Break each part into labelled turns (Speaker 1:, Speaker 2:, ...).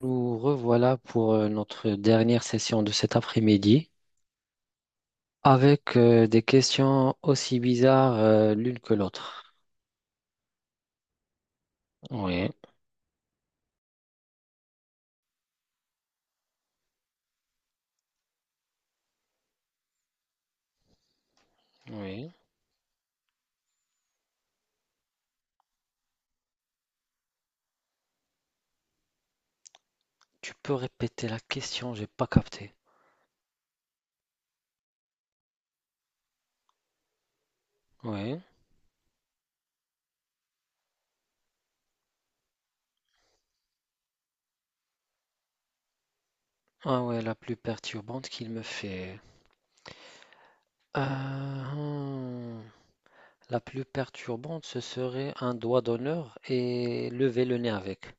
Speaker 1: Nous revoilà pour notre dernière session de cet après-midi avec des questions aussi bizarres l'une que l'autre. Oui, oui. Tu peux répéter la question, j'ai pas capté. Oui. Ah ouais, la plus perturbante qu'il me fait. Euh, hmm. La plus perturbante, ce serait un doigt d'honneur et lever le nez avec.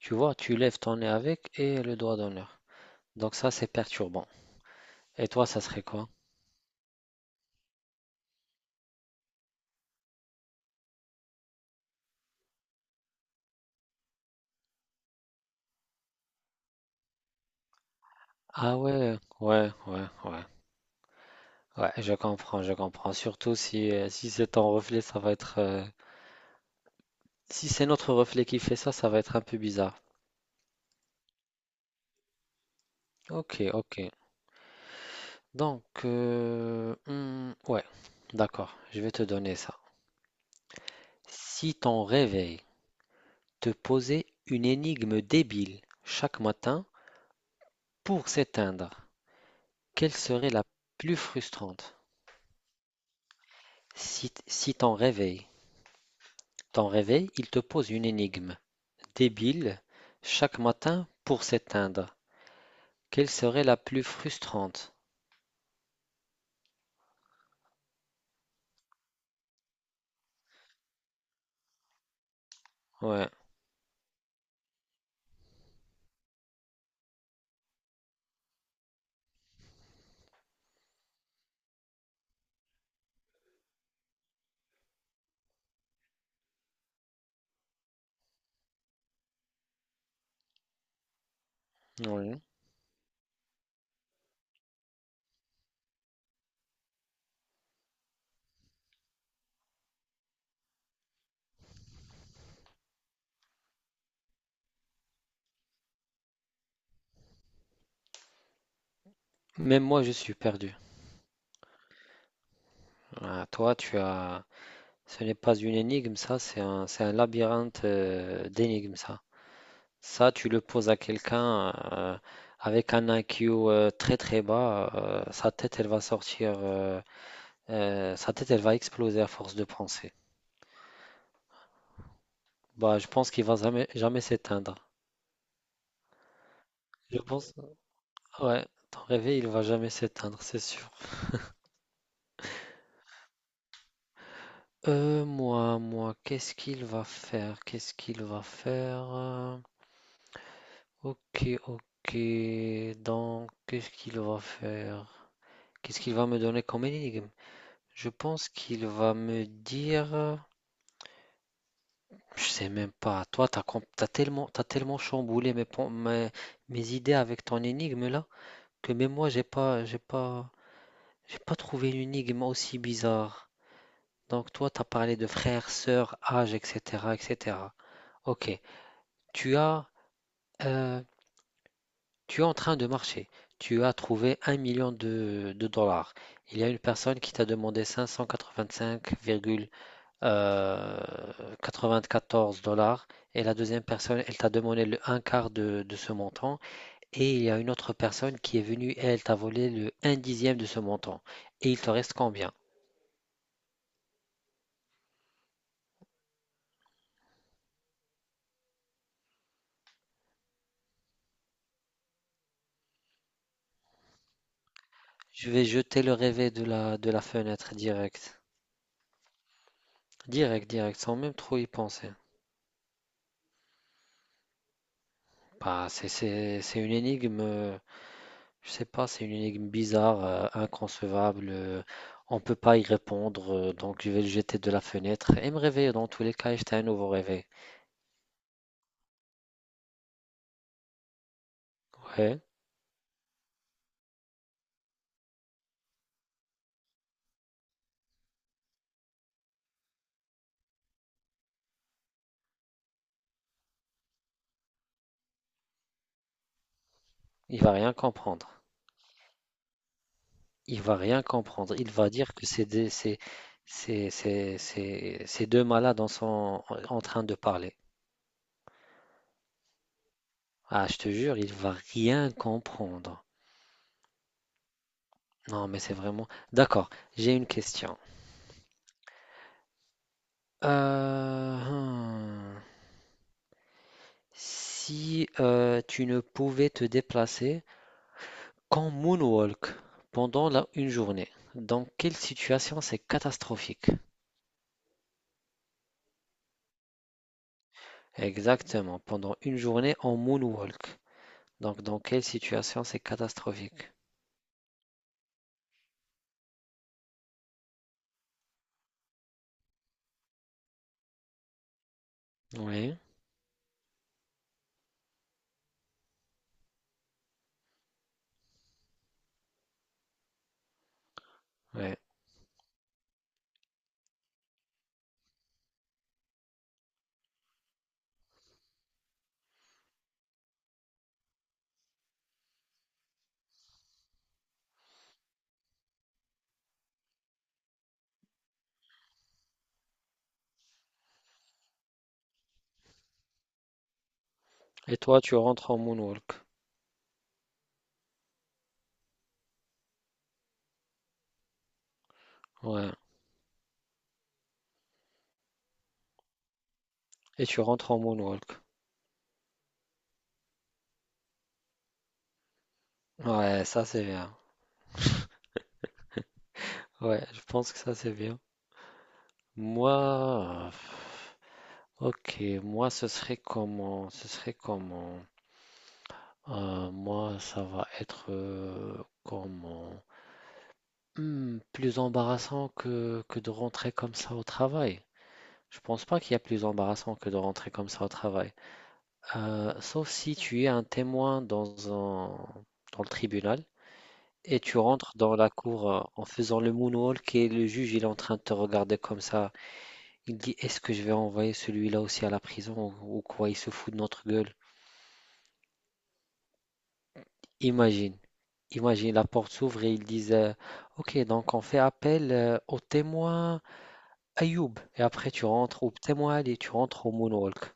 Speaker 1: Tu vois, tu lèves ton nez avec et le doigt d'honneur. Donc ça, c'est perturbant. Et toi, ça serait quoi? Ah ouais, ouais, ouais, ouais. Ouais, je comprends, je comprends. Surtout si, si c'est ton reflet, ça va être, si c'est notre reflet qui fait ça, ça va être un peu bizarre. Ok, ok. Donc, ouais, d'accord, je vais te donner ça. Si ton réveil te posait une énigme débile chaque matin pour s'éteindre, quelle serait la plus frustrante? Si ton réveil, il te pose une énigme débile chaque matin pour s'éteindre. Quelle serait la plus frustrante? Ouais, ouais. Même moi, je suis perdu. Ah, toi, tu as... Ce n'est pas une énigme, ça, c'est un labyrinthe d'énigmes, ça. Ça, tu le poses à quelqu'un avec un IQ très très bas, sa tête, elle va sortir, sa tête, elle va exploser à force de penser. Bah, je pense qu'il va jamais, jamais s'éteindre. Je pense, ouais, ton réveil, il va jamais s'éteindre, c'est sûr. Moi, moi, qu'est-ce qu'il va faire? Qu'est-ce qu'il va faire? Ok, ok. Donc, qu'est-ce qu'il va faire? Qu'est-ce qu'il va me donner comme énigme? Je pense qu'il va me dire. Je sais même pas. Toi, t'as tellement chamboulé mes idées avec ton énigme là que même moi, j'ai pas trouvé une énigme aussi bizarre. Donc, toi, t'as parlé de frères, sœurs, âge, etc., etc. Ok. Tu as Euh, tu es en train de marcher. Tu as trouvé un million de dollars. Il y a une personne qui t'a demandé 585,94 dollars et la deuxième personne, elle t'a demandé le un quart de ce montant et il y a une autre personne qui est venue et elle t'a volé le un dixième de ce montant. Et il te reste combien? Je vais jeter le rêvé de la fenêtre direct. Direct, direct, sans même trop y penser. Bah, c'est une énigme. Je sais pas, c'est une énigme bizarre, inconcevable. On peut pas y répondre, donc je vais le jeter de la fenêtre et me réveiller dans tous les cas et jeter un nouveau réveil. Ouais, il va rien comprendre. Il va rien comprendre. Il va dire que c'est des, c'est deux malades en train de parler. Ah, je te jure, il va rien comprendre. Non, mais c'est vraiment. D'accord, j'ai une question. Euh, hmm. Si tu ne pouvais te déplacer qu'on moonwalk pendant une journée. Dans quelle situation c'est catastrophique? Exactement, pendant une journée en moonwalk. Donc dans quelle situation c'est catastrophique? Oui, ouais. Et toi tu rentres en moonwalk. Ouais. Et tu rentres en moonwalk. Ouais, ça c'est bien. Ouais, je pense que ça c'est bien. Moi, ok, moi ce serait comment? Ce serait comment? Moi ça va être comment? Plus embarrassant que de rentrer comme ça au travail. Je pense pas qu'il y a plus embarrassant que de rentrer comme ça au travail. Sauf si tu es un témoin dans un, dans le tribunal et tu rentres dans la cour en faisant le moonwalk et le juge il est en train de te regarder comme ça. Il dit est-ce que je vais envoyer celui-là aussi à la prison ou quoi? Il se fout de notre gueule. Imagine. Imagine, la porte s'ouvre et ils disent ok, donc on fait appel aux témoins Ayoub et après tu rentres au Ptemoal et tu rentres au Moonwalk.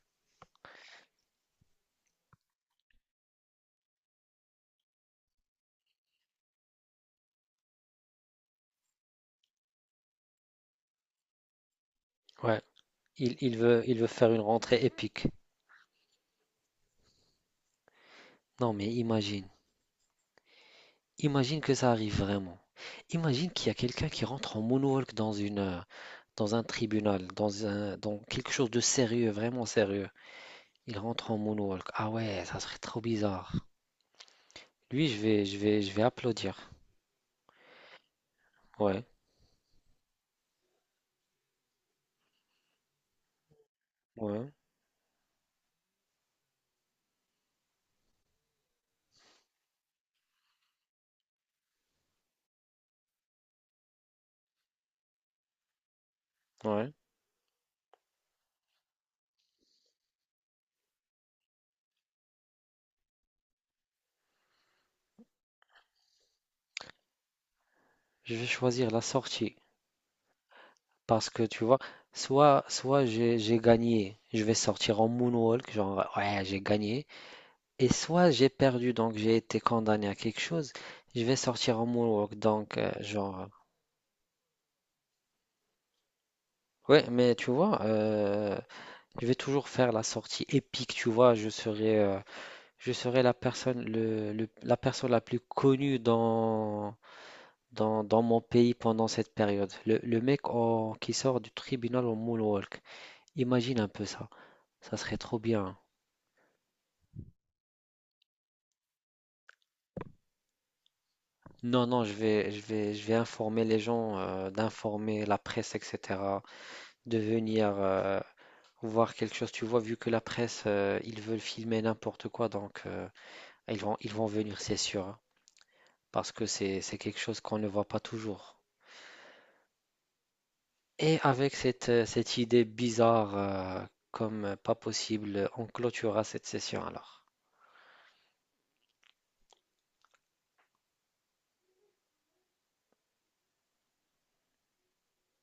Speaker 1: Ouais. Il veut, faire une rentrée épique. Non mais imagine, imagine que ça arrive vraiment. Imagine qu'il y a quelqu'un qui rentre en Moonwalk dans dans un tribunal, dans quelque chose de sérieux, vraiment sérieux. Il rentre en Moonwalk. Ah ouais, ça serait trop bizarre. Lui, je vais applaudir. Ouais, ouais, ouais. Je vais choisir la sortie. Parce que tu vois, soit j'ai gagné, je vais sortir en moonwalk, genre ouais, j'ai gagné, et soit j'ai perdu, donc j'ai été condamné à quelque chose, je vais sortir en moonwalk, donc genre ouais, mais tu vois, je vais toujours faire la sortie épique, tu vois, je serai la personne, la personne la plus connue dans mon pays pendant cette période. Le mec qui sort du tribunal en moonwalk, imagine un peu ça, ça serait trop bien. Non, non, je vais informer les gens, d'informer la presse, etc., de venir voir quelque chose. Tu vois, vu que la presse, ils veulent filmer n'importe quoi, donc ils vont venir, c'est sûr, hein, parce que c'est quelque chose qu'on ne voit pas toujours. Et avec cette idée bizarre, comme pas possible, on clôturera cette session alors.